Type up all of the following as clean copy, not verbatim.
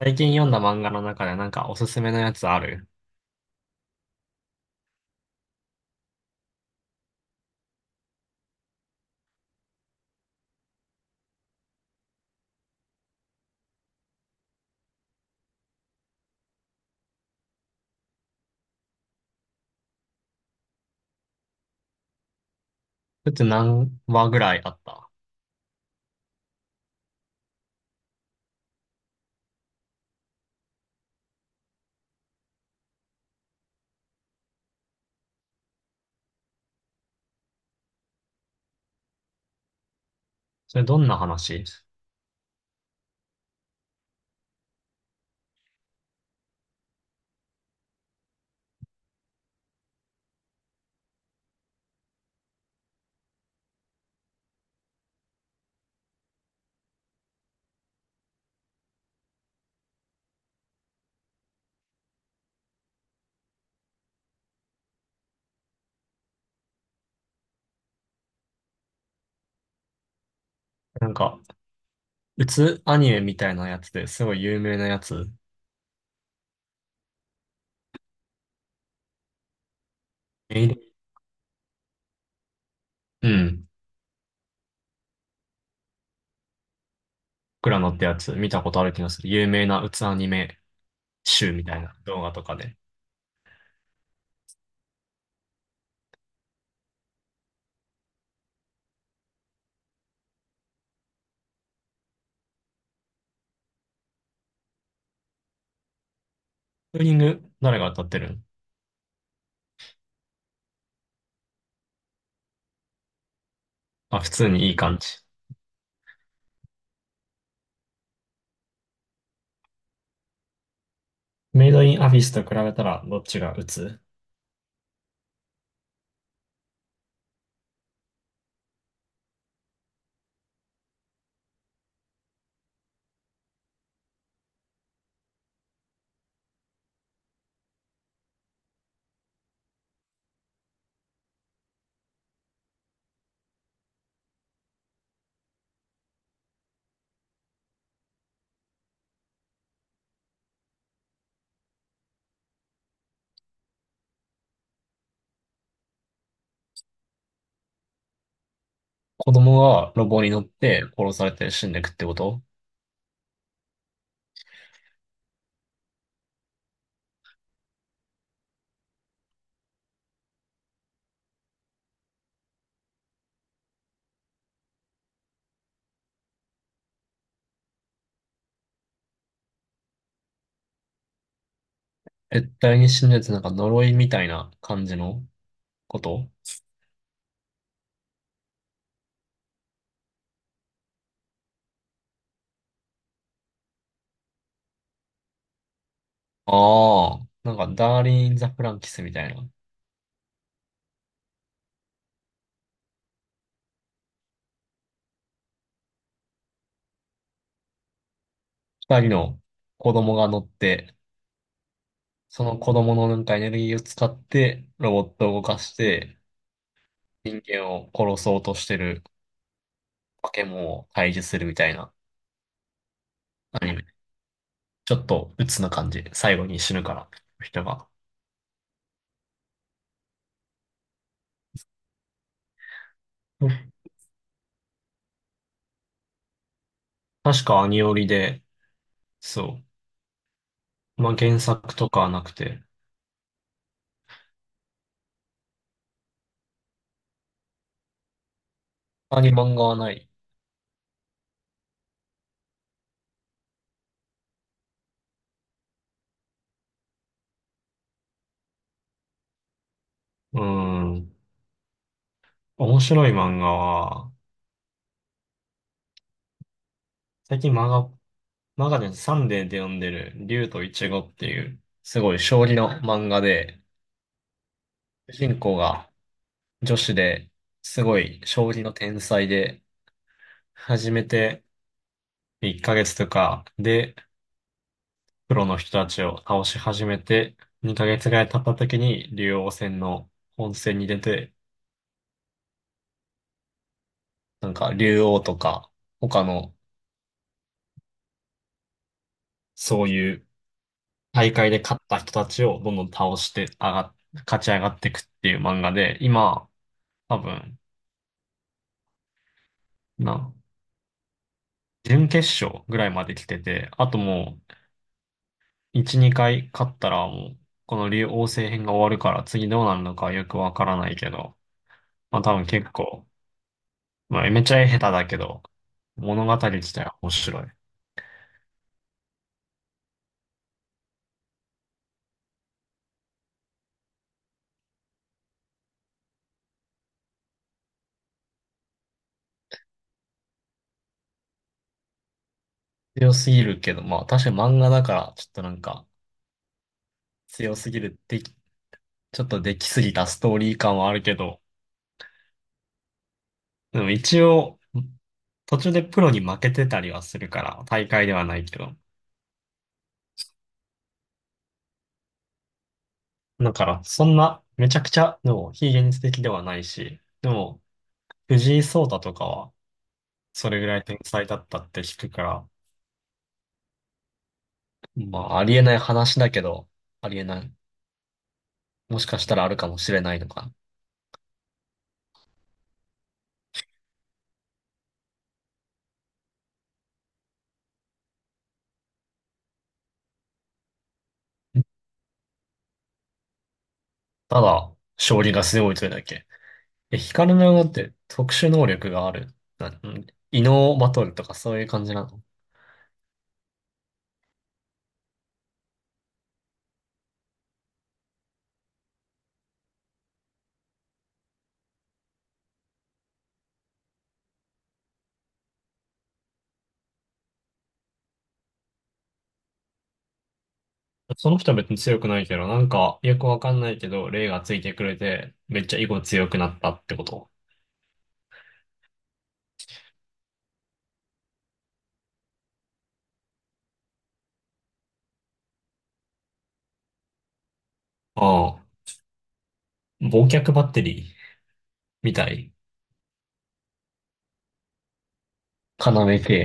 最近読んだ漫画の中でなんかおすすめのやつある？それって何話ぐらいあった？それどんな話？なんか、うつアニメみたいなやつですごい有名なやつ。メイド。うん。クラノってやつ見たことある気がする。有名なうつアニメ集みたいな動画とかで。ツーリング誰が歌ってるん？あ、普通にいい感じ。メイドインアフィスと比べたらどっちがうつ？子供がロボに乗って殺されて死んでくってこと？絶対に死んでてなんか呪いみたいな感じのこと？ああ、なんか、ダーリン・ザ・フランキスみたいな。二人の子供が乗って、その子供のなんかエネルギーを使って、ロボットを動かして、人間を殺そうとしてる化け物を退治するみたいなアニメ。ちょっと鬱な感じ。最後に死ぬから、人が。うん、確かアニオリで、そう。まあ、原作とかはなくて、他に漫画はない。うーん。面白い漫画は、最近漫画マガジンサンデーで読んでる、竜とイチゴっていう、すごい将棋の漫画で、主人公が女子で、すごい将棋の天才で、始めて1ヶ月とかで、プロの人たちを倒し始めて、2ヶ月ぐらい経った時に、竜王戦の本戦に出て、なんか竜王とか、他のそういう大会で勝った人たちをどんどん倒して上がっ、勝ち上がっていくっていう漫画で、今、多分、な準決勝ぐらいまで来てて、あともう、1、2回勝ったらもう、この竜王星編が終わるから次どうなるのかはよくわからないけど、まあ多分結構、まあめちゃ下手だけど、物語自体は面白い。強すぎるけど、まあ確かに漫画だからちょっとなんか強すぎる、でき、ちょっとできすぎたストーリー感はあるけど、でも一応、途中でプロに負けてたりはするから、大会ではないけど。だから、そんな、めちゃくちゃ、でも、非現実的ではないし、でも、藤井聡太とかは、それぐらい天才だったって聞くから、まあ、ありえない話だけど、ありえない。もしかしたらあるかもしれないのか。ただ、将棋が強いというだけ。え、光のようって特殊能力がある。な、ん異能バトルとかそういう感じなの？その人は別に強くないけど、なんか、よくわかんないけど、霊がついてくれて、めっちゃ囲碁強くなったってこと。ああ、忘却バッテリー。みたい。要系。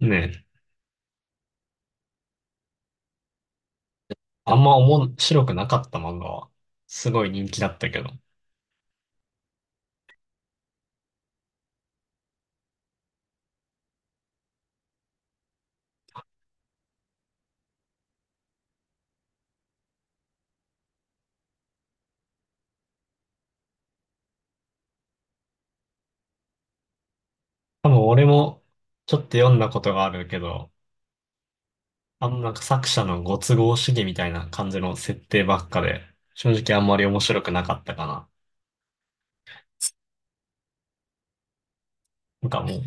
ねえ。あんま面白くなかった漫画は？すごい人気だったけど。多分俺もちょっと読んだことがあるけど、あんまなんか作者のご都合主義みたいな感じの設定ばっかで、正直あんまり面白くなかったかな。なんかもう、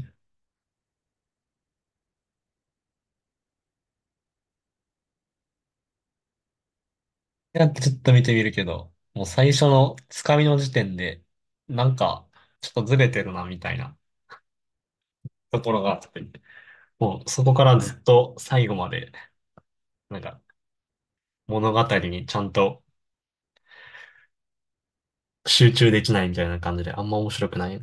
やってちょっと見てみるけど、もう最初のつかみの時点で、なんかちょっとずれてるなみたいなところがあって、もうそこからずっと最後まで、なんか物語にちゃんと集中できないみたいな感じで、あんま面白くない。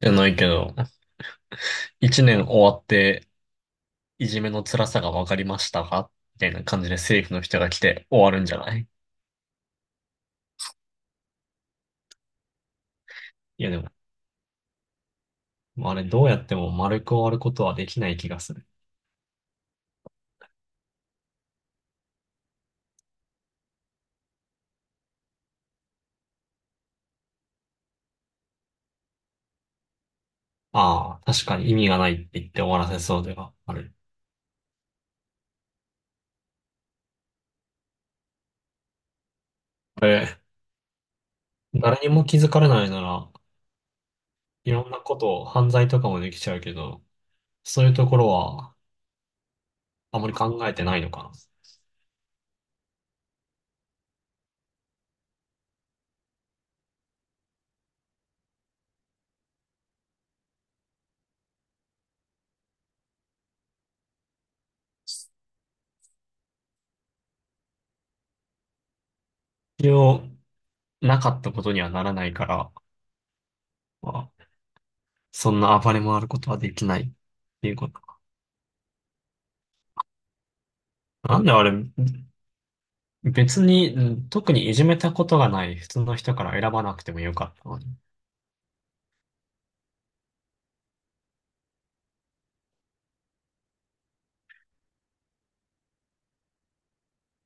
じゃないけど、一年終わって、いじめの辛さが分かりましたかみたいな感じで政府の人が来て終わるんじゃない？いやでも、あれどうやっても丸く終わることはできない気がする。ああ、確かに意味がないって言って終わらせそうではある。あれ、誰にも気づかれないなら、いろんなことを犯罪とかもできちゃうけど、そういうところはあまり考えてないのかな。必要なかったことにはならないから、まそんな暴れ回ることはできないっていうことか。なんであれ、別に、うん、特にいじめたことがない普通の人から選ばなくてもよかったのに。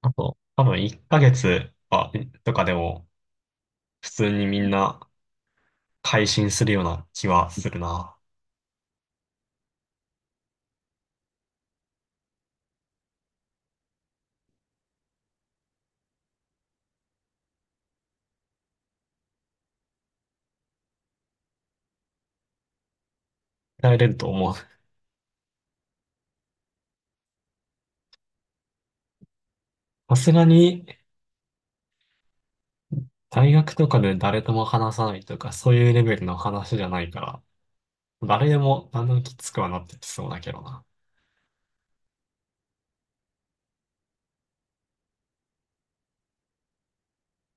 あと、多分1ヶ月は、とかでも、普通にみんな改心するような気はするな。耐えれると思う。さすがに、大学とかで誰とも話さないとか、そういうレベルの話じゃないから、誰でもだんだんきつくはなってきそうだけどな。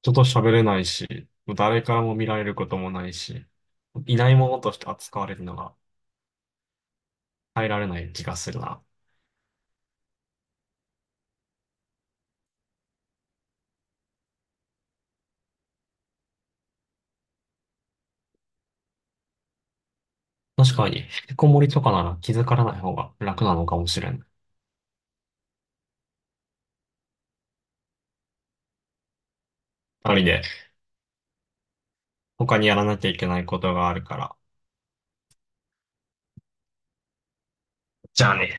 人と喋れないし、誰からも見られることもないし、いないものとして扱われるのが耐えられない気がするな。確かに、引きこもりとかなら気づからない方が楽なのかもしれん。ありで、他にやらなきゃいけないことがあるから。じゃあね。